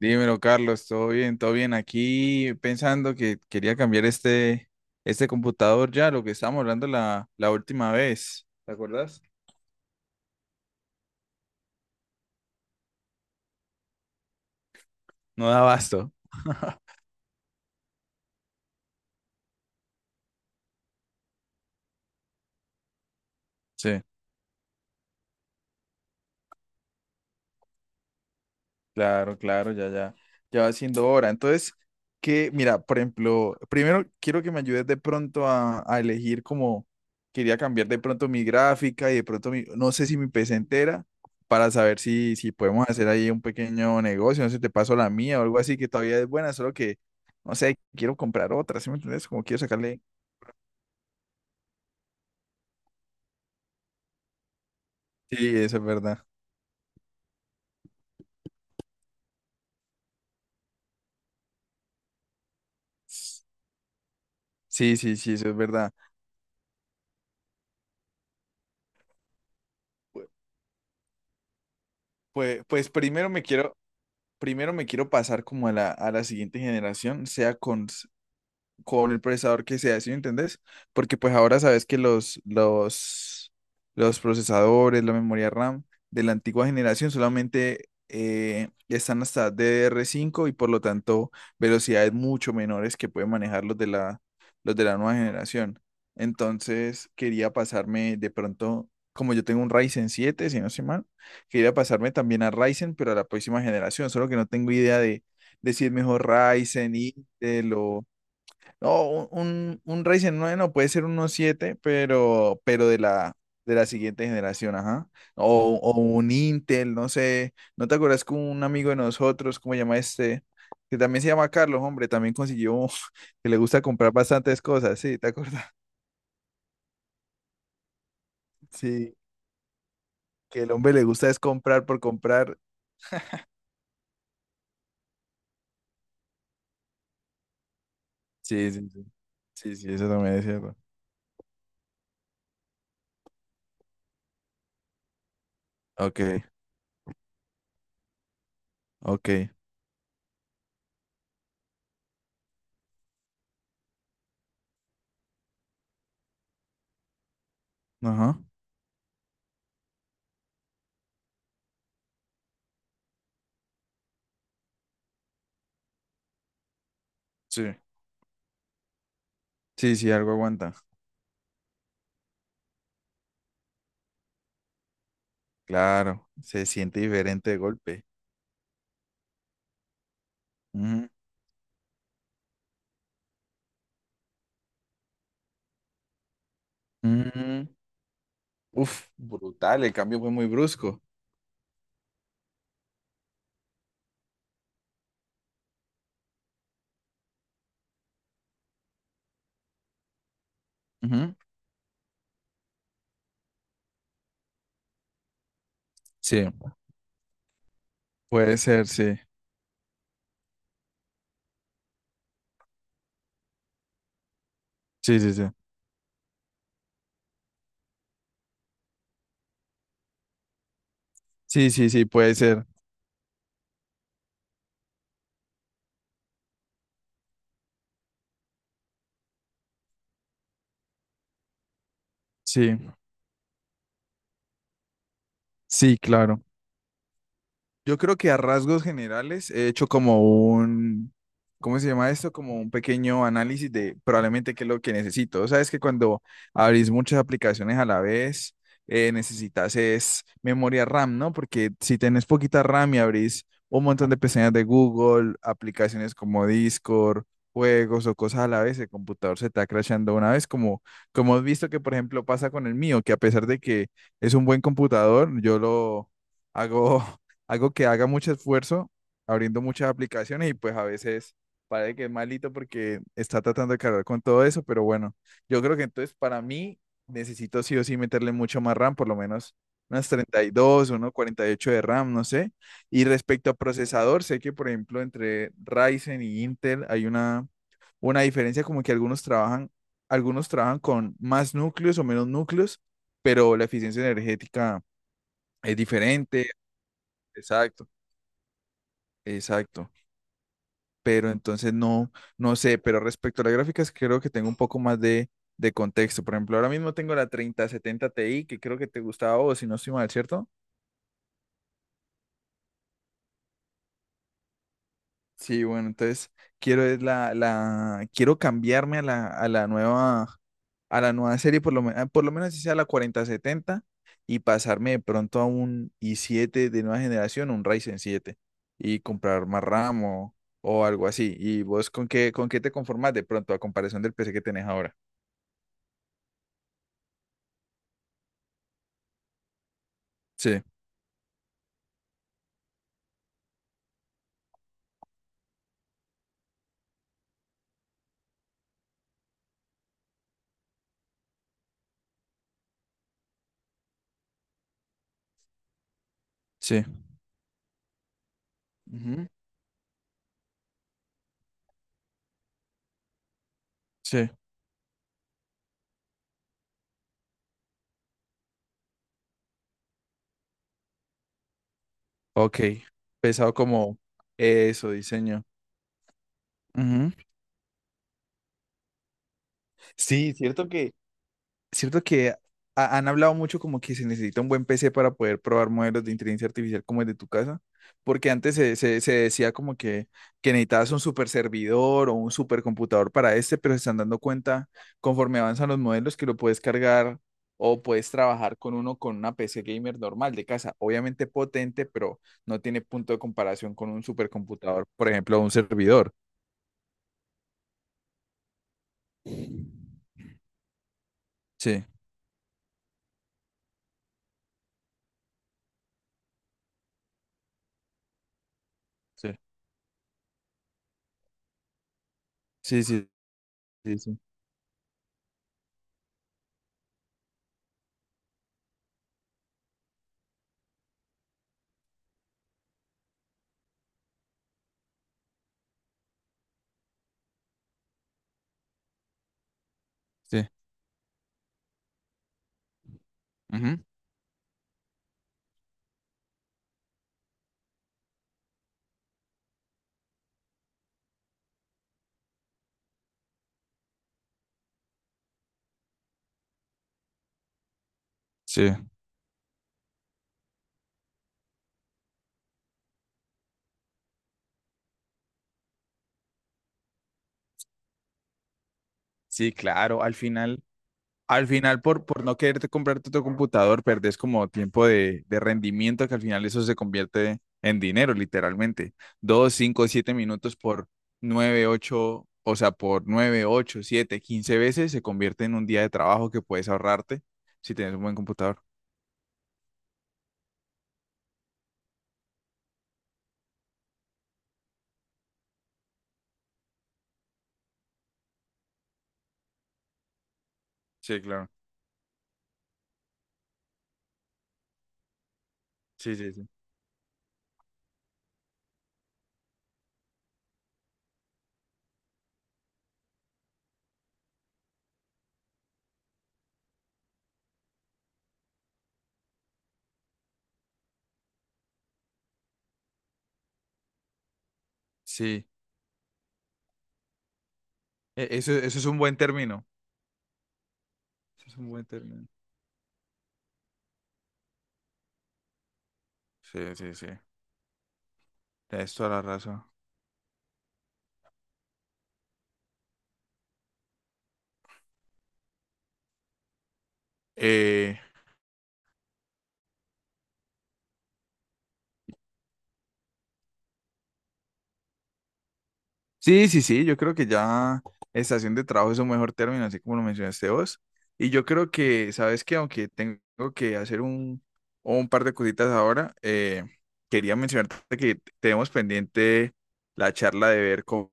Dímelo, Carlos, ¿todo bien? ¿Todo bien? Aquí pensando que quería cambiar este computador ya, lo que estábamos hablando la última vez. ¿Te acuerdas? No da abasto. Sí. Claro, claro, ya, ya, ya va siendo hora. Entonces, que, mira, por ejemplo, primero quiero que me ayudes de pronto a elegir como quería cambiar de pronto mi gráfica y de pronto mi, no sé si mi PC entera, para saber si podemos hacer ahí un pequeño negocio, no sé, te paso la mía o algo así que todavía es buena, solo que, no sé, quiero comprar otra, ¿sí me entiendes? Como quiero sacarle. Sí, eso es verdad. Sí, sí, sí, eso es verdad. Pues primero me quiero pasar como a la siguiente generación, sea con el procesador que sea, ¿sí me entendés? Porque pues ahora sabes que los procesadores, la memoria RAM de la antigua generación solamente están hasta DDR5 y por lo tanto velocidades mucho menores que pueden manejar los de la nueva generación. Entonces quería pasarme de pronto, como yo tengo un Ryzen 7, si no estoy mal, quería pasarme también a Ryzen, pero a la próxima generación, solo que no tengo idea de si es mejor Ryzen, Intel o no, un Ryzen 9 no puede ser uno 7 pero de la siguiente generación, ajá. O un Intel, no sé. ¿No te acuerdas que un amigo de nosotros, cómo se llama este? Que también se llama Carlos, hombre, también consiguió que le gusta comprar bastantes cosas, sí, ¿te acuerdas? Sí, que el hombre le gusta es comprar por comprar. Sí, sí, sí. Sí, sí, eso también es cierto. Ok, ok. Ajá. Sí. Sí, sí, algo aguanta. Claro, se siente diferente de golpe. Mm, uf, brutal, el cambio fue muy brusco. Ujú, sí, puede ser, sí. Sí, sí, sí. Sí, sí, sí, puede ser. Sí, sí, claro. Yo creo que a rasgos generales he hecho como un, ¿cómo se llama esto? Como un pequeño análisis de probablemente qué es lo que necesito. O sea, es que cuando abrís muchas aplicaciones a la vez, necesitas es memoria RAM, ¿no? Porque si tenés poquita RAM y abrís un montón de pestañas de Google, aplicaciones como Discord, juegos o cosas a la vez, el computador se está crashando una vez, como, como has visto que, por ejemplo, pasa con el mío, que a pesar de que es un buen computador, yo lo hago algo que haga mucho esfuerzo abriendo muchas aplicaciones y pues a veces parece que es malito porque está tratando de cargar con todo eso, pero bueno, yo creo que entonces para mí necesito sí o sí meterle mucho más RAM, por lo menos unas 32, unos 48 de RAM, no sé. Y respecto a procesador, sé que por ejemplo entre Ryzen y Intel hay una diferencia como que algunos trabajan con más núcleos o menos núcleos, pero la eficiencia energética es diferente. Exacto, exacto. Pero entonces no, no sé, pero respecto a las gráficas creo que tengo un poco más de contexto. Por ejemplo, ahora mismo tengo la 3070 Ti, que creo que te gustaba a vos si no estoy mal, ¿cierto? Sí, bueno, entonces quiero es quiero cambiarme a la nueva, a la nueva serie, por lo menos si sea la 4070 y pasarme de pronto a un i7 de nueva generación, un Ryzen 7 y comprar más RAM o algo así. ¿Y vos con qué te conformas de pronto a comparación del PC que tenés ahora? Sí. Sí, ujú, sí, ok. Pesado como eso, diseño. Ujú. Sí, cierto. Cierto que han hablado mucho como que se necesita un buen PC para poder probar modelos de inteligencia artificial como el de tu casa, porque antes se, se decía como que necesitabas un super servidor o un super computador para este, pero se están dando cuenta conforme avanzan los modelos que lo puedes cargar o puedes trabajar con uno con una PC gamer normal de casa, obviamente potente, pero no tiene punto de comparación con un supercomputador, por ejemplo, un servidor. Sí, sí, sí, sí, sí, sí. Sí. Ujú, sí. Sí, claro, al final, al final por no quererte comprarte tu computador, perdés como tiempo de rendimiento que al final eso se convierte en dinero, literalmente. Dos, cinco, siete minutos por nueve, ocho, o sea, por nueve, ocho, siete, quince veces se convierte en un día de trabajo que puedes ahorrarte si tienes un buen computador. Sí, claro. Sí, sí, sí. Sí, eso es un buen término. Eso es un buen término. Sí, sí, sí. Tienes toda la razón. Sí, sí, sí, yo creo que ya estación de trabajo es un mejor término, así como lo mencionaste vos. Y yo creo que, sabes que aunque tengo que hacer un par de cositas ahora, quería mencionarte que tenemos pendiente la charla de ver cómo,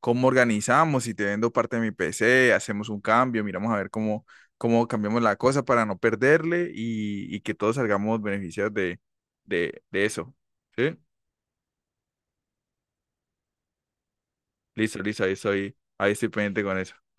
cómo organizamos, si te vendo parte de mi PC, hacemos un cambio, miramos a ver cómo, cómo cambiamos la cosa para no perderle y que todos salgamos beneficiados de, de eso. ¿Sí? Listo, listo, ahí estoy pendiente con eso.